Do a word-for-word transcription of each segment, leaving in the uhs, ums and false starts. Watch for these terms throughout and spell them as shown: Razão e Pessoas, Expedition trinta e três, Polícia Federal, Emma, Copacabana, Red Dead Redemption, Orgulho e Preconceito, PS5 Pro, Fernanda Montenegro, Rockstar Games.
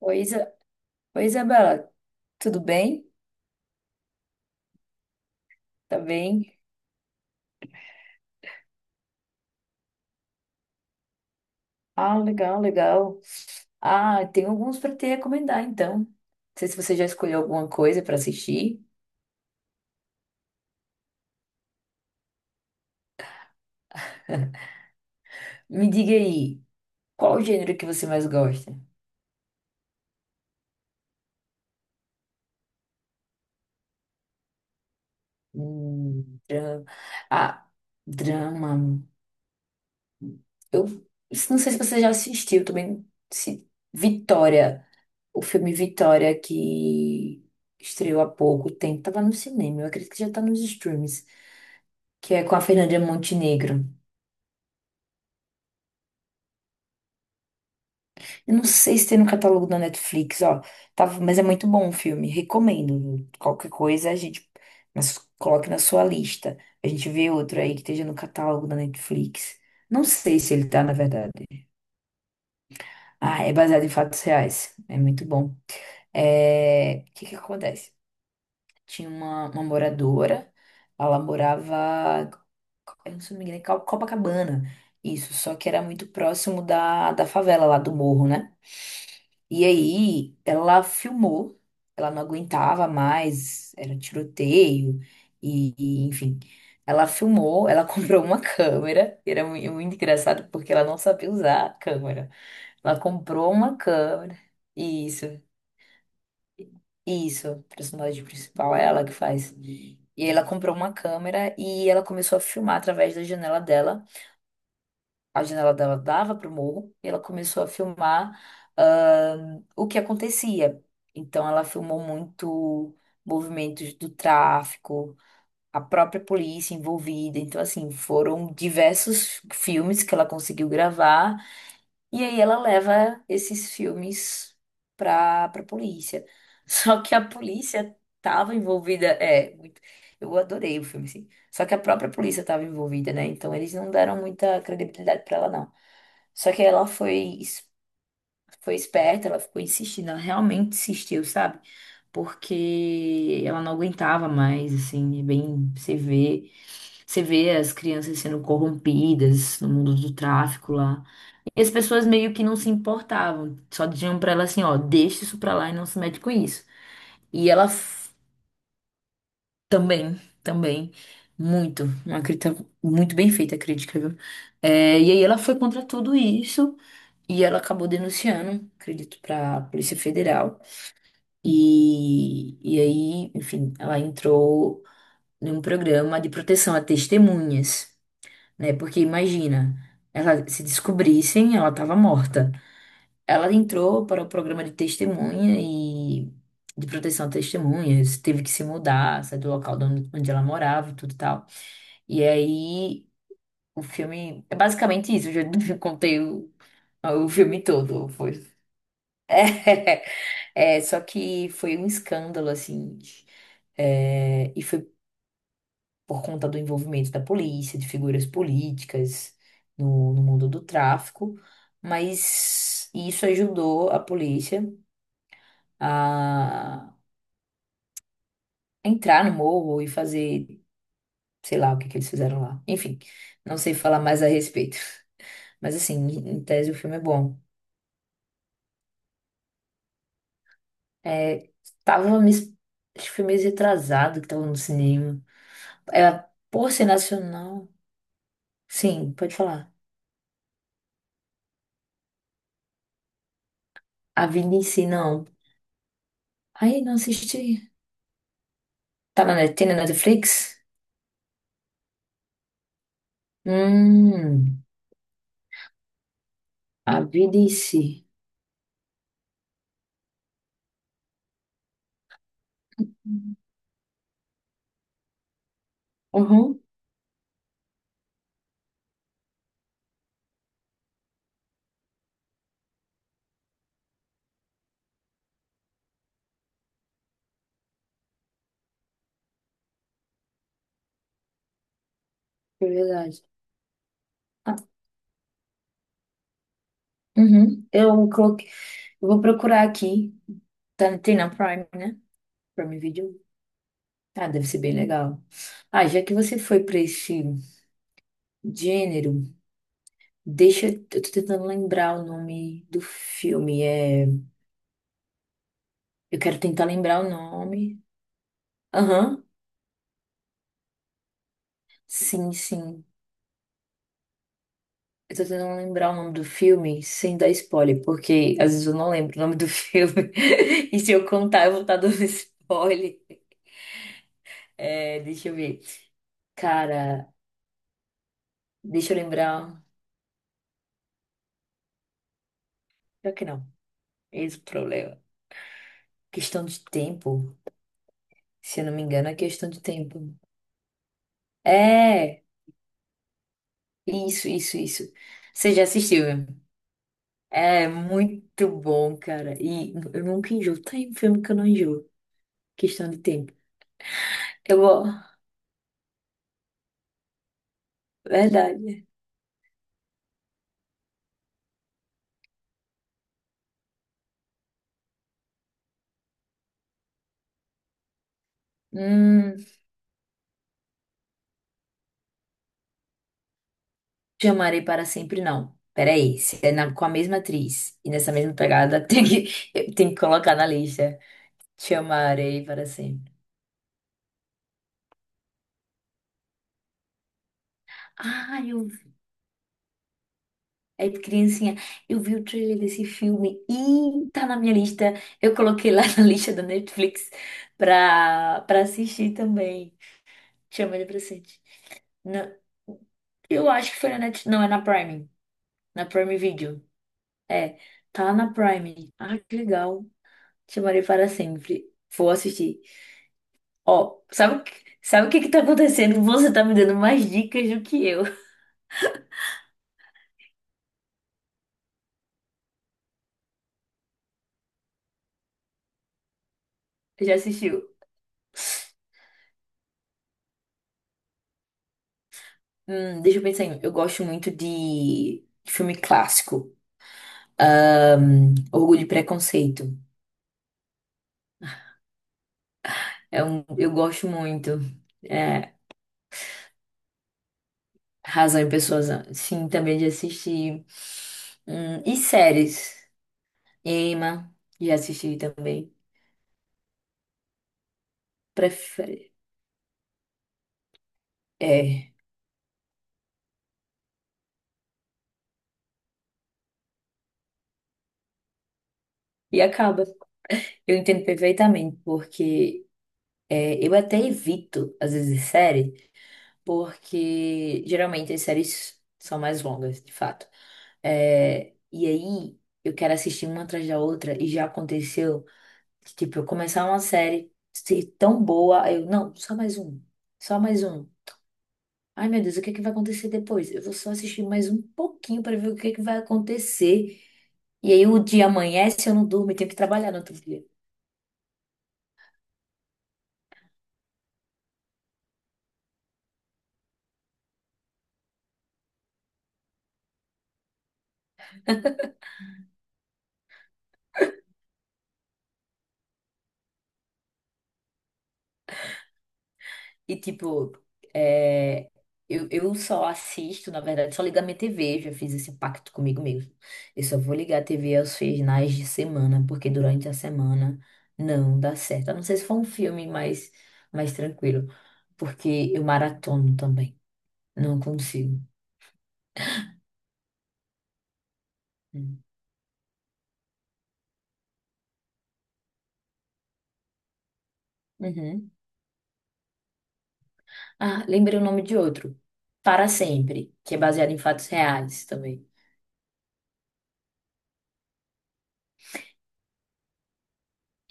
Oi, Isa... Oi, Isabela, tudo bem? Tá bem? Ah, legal, legal. Ah, tem alguns para te recomendar, então. Não sei se você já escolheu alguma coisa para assistir. Me diga aí, qual o gênero que você mais gosta? Hum, drama. Ah, drama. Eu não sei se você já assistiu também. Se... Vitória, o filme Vitória que estreou há pouco tempo, tava no cinema, eu acredito que já tá nos streams, que é com a Fernanda Montenegro. Eu não sei se tem no catálogo da Netflix, ó. Tava, mas é muito bom o filme, recomendo. Qualquer coisa a gente mas coloque na sua lista. A gente vê outro aí que esteja no catálogo da Netflix. Não sei se ele tá, na verdade. Ah, é baseado em fatos reais. É muito bom. É, o que que acontece? Tinha uma, uma moradora, ela morava, eu não sei me engano, em Copacabana. Isso, só que era muito próximo da, da favela lá do morro, né? E aí ela filmou, ela não aguentava mais, era tiroteio, e, e, enfim. Ela filmou, ela comprou uma câmera, e era mui- muito engraçado porque ela não sabia usar a câmera. Ela comprou uma câmera, isso, isso, a personagem principal, é ela que faz. E aí ela comprou uma câmera e ela começou a filmar através da janela dela. A janela dela dava para o morro e ela começou a filmar, ah, o que acontecia. Então, ela filmou muito movimentos do tráfico, a própria polícia envolvida. Então, assim, foram diversos filmes que ela conseguiu gravar e aí ela leva esses filmes pra, pra polícia. Só que a polícia tava envolvida. É, muito, eu adorei o filme, assim. Só que a própria polícia tava envolvida, né? Então eles não deram muita credibilidade pra ela, não. Só que ela foi, es- foi esperta, ela ficou insistindo, ela realmente insistiu, sabe? Porque ela não aguentava mais, assim, é bem, você vê, você vê as crianças sendo corrompidas no mundo do tráfico lá. E as pessoas meio que não se importavam, só diziam pra ela assim, ó, deixa isso pra lá e não se mete com isso. E ela f- também, também, muito, uma crítica muito bem feita a crítica, viu? É, e aí ela foi contra tudo isso e ela acabou denunciando, acredito, pra Polícia Federal. E, e aí, enfim, ela entrou num programa de proteção a testemunhas, né? Porque imagina, ela se descobrissem, ela tava morta. Ela entrou para o programa de testemunha e de proteção a testemunhas, teve que se mudar, sair do local de onde onde ela morava e tudo e tal. E aí o filme é basicamente isso, eu já contei o, o filme todo. Foi. É, só que foi um escândalo, assim, é, e foi por conta do envolvimento da polícia, de figuras políticas no, no mundo do tráfico, mas isso ajudou a polícia a entrar no morro e fazer, sei lá, o que que eles fizeram lá. Enfim, não sei falar mais a respeito. Mas assim, em em tese o filme é bom. É, tava me, acho que foi meio retrasado que tava no cinema. É, por ser nacional. Sim, pode falar. A vida em si, não. Aí não assisti. Tá na, tem na Netflix? Hum, a vida em si. Uhum, é verdade. Ah, uhum. Eu coloquei, eu vou procurar aqui. Tá, tem na Prime, né? Prime Video. Ah, deve ser bem legal. Ah, já que você foi para esse gênero, deixa. Eu tô tentando lembrar o nome do filme. É, eu quero tentar lembrar o nome. Aham, sim, sim. Eu tô tentando lembrar o nome do filme sem dar spoiler, porque às vezes eu não lembro o nome do filme. E se eu contar, eu vou estar dando spoiler. É, deixa eu ver. Cara, deixa eu lembrar. Pior que não. Esse é o problema. Questão de tempo. Se eu não me engano, é questão de tempo. É, isso, isso, isso. Você já assistiu, né? É muito bom, cara. E eu nunca enjoo. Tem filme que eu não enjoo. Questão de tempo. Eu, vou. Verdade. Hum, te amarei para sempre, não. Peraí, se é na- com a mesma atriz e nessa mesma pegada, tem que, eu tenho que colocar na lista. Te amarei para sempre. Ah, eu vi. É de criancinha. Eu vi o trailer desse filme e tá na minha lista. Eu coloquei lá na lista da Netflix pra, pra assistir também. Chama ele pra assistir. Na- eu acho que foi na Netflix. Não, é na Prime. Na Prime Video. É, tá na Prime. Ah, que legal. Chamarei para sempre. Vou assistir. Ó, sabe, o que- sabe o que que tá acontecendo? Você tá me dando mais dicas do que eu. Já assistiu? Hum, deixa eu pensar em. Um. Eu gosto muito de filme clássico. Ahn, Orgulho e Preconceito. É um, eu gosto muito. É, Razão e Pessoas, sim, também de assistir. Hum, e séries. Emma, já assisti também. Prefere, é, e acaba. Eu entendo perfeitamente, porque é, eu até evito, às vezes, série, porque geralmente as séries são mais longas, de fato. É, e aí, eu quero assistir uma atrás da outra, e já aconteceu. Que, tipo, eu começar uma série ser tão boa, aí eu, não, só mais um, só mais um. Ai, meu Deus, o que é que vai acontecer depois? Eu vou só assistir mais um pouquinho para ver o que é que vai acontecer. E aí o dia amanhece, eu não durmo e tenho que trabalhar no outro dia. E tipo, é, eu, eu só assisto, na verdade, só ligo a minha T V, já fiz esse pacto comigo mesmo. Eu só vou ligar a T V aos finais de semana, porque durante a semana não dá certo. A não ser se for um filme mais, mais tranquilo, porque eu maratono também. Não consigo. Hum. Uhum. Ah, lembrei o nome de outro. Para Sempre, que é baseado em fatos reais também.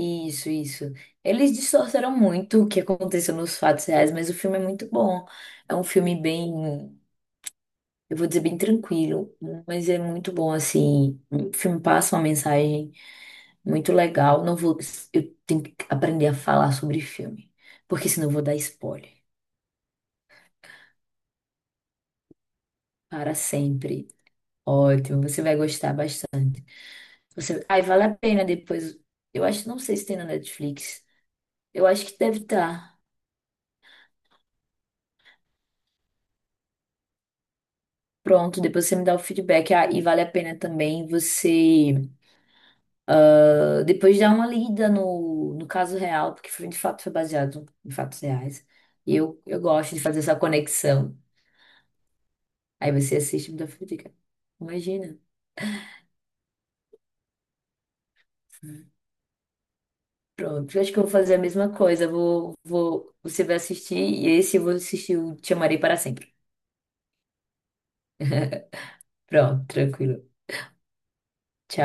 Isso, isso. Eles distorceram muito o que aconteceu nos fatos reais, mas o filme é muito bom. É um filme bem, eu vou dizer bem tranquilo, mas é muito bom assim. O filme passa uma mensagem muito legal. Não vou, eu tenho que aprender a falar sobre filme, porque senão eu vou dar spoiler para sempre. Ótimo, você vai gostar bastante. Você, ai, vale a pena depois. Eu acho, não sei se tem na Netflix. Eu acho que deve estar. Pronto, depois você me dá o feedback. Ah, e vale a pena também você ah, depois dar uma lida no, no caso real, porque foi, de fato foi baseado em fatos reais. E eu, eu gosto de fazer essa conexão. Aí você assiste e me dá o feedback. Imagina. Pronto, eu acho que eu vou fazer a mesma coisa. Eu Vou, vou, você vai assistir e esse eu vou assistir o Te Amarei Para Sempre. Pronto, tranquilo. Tchau.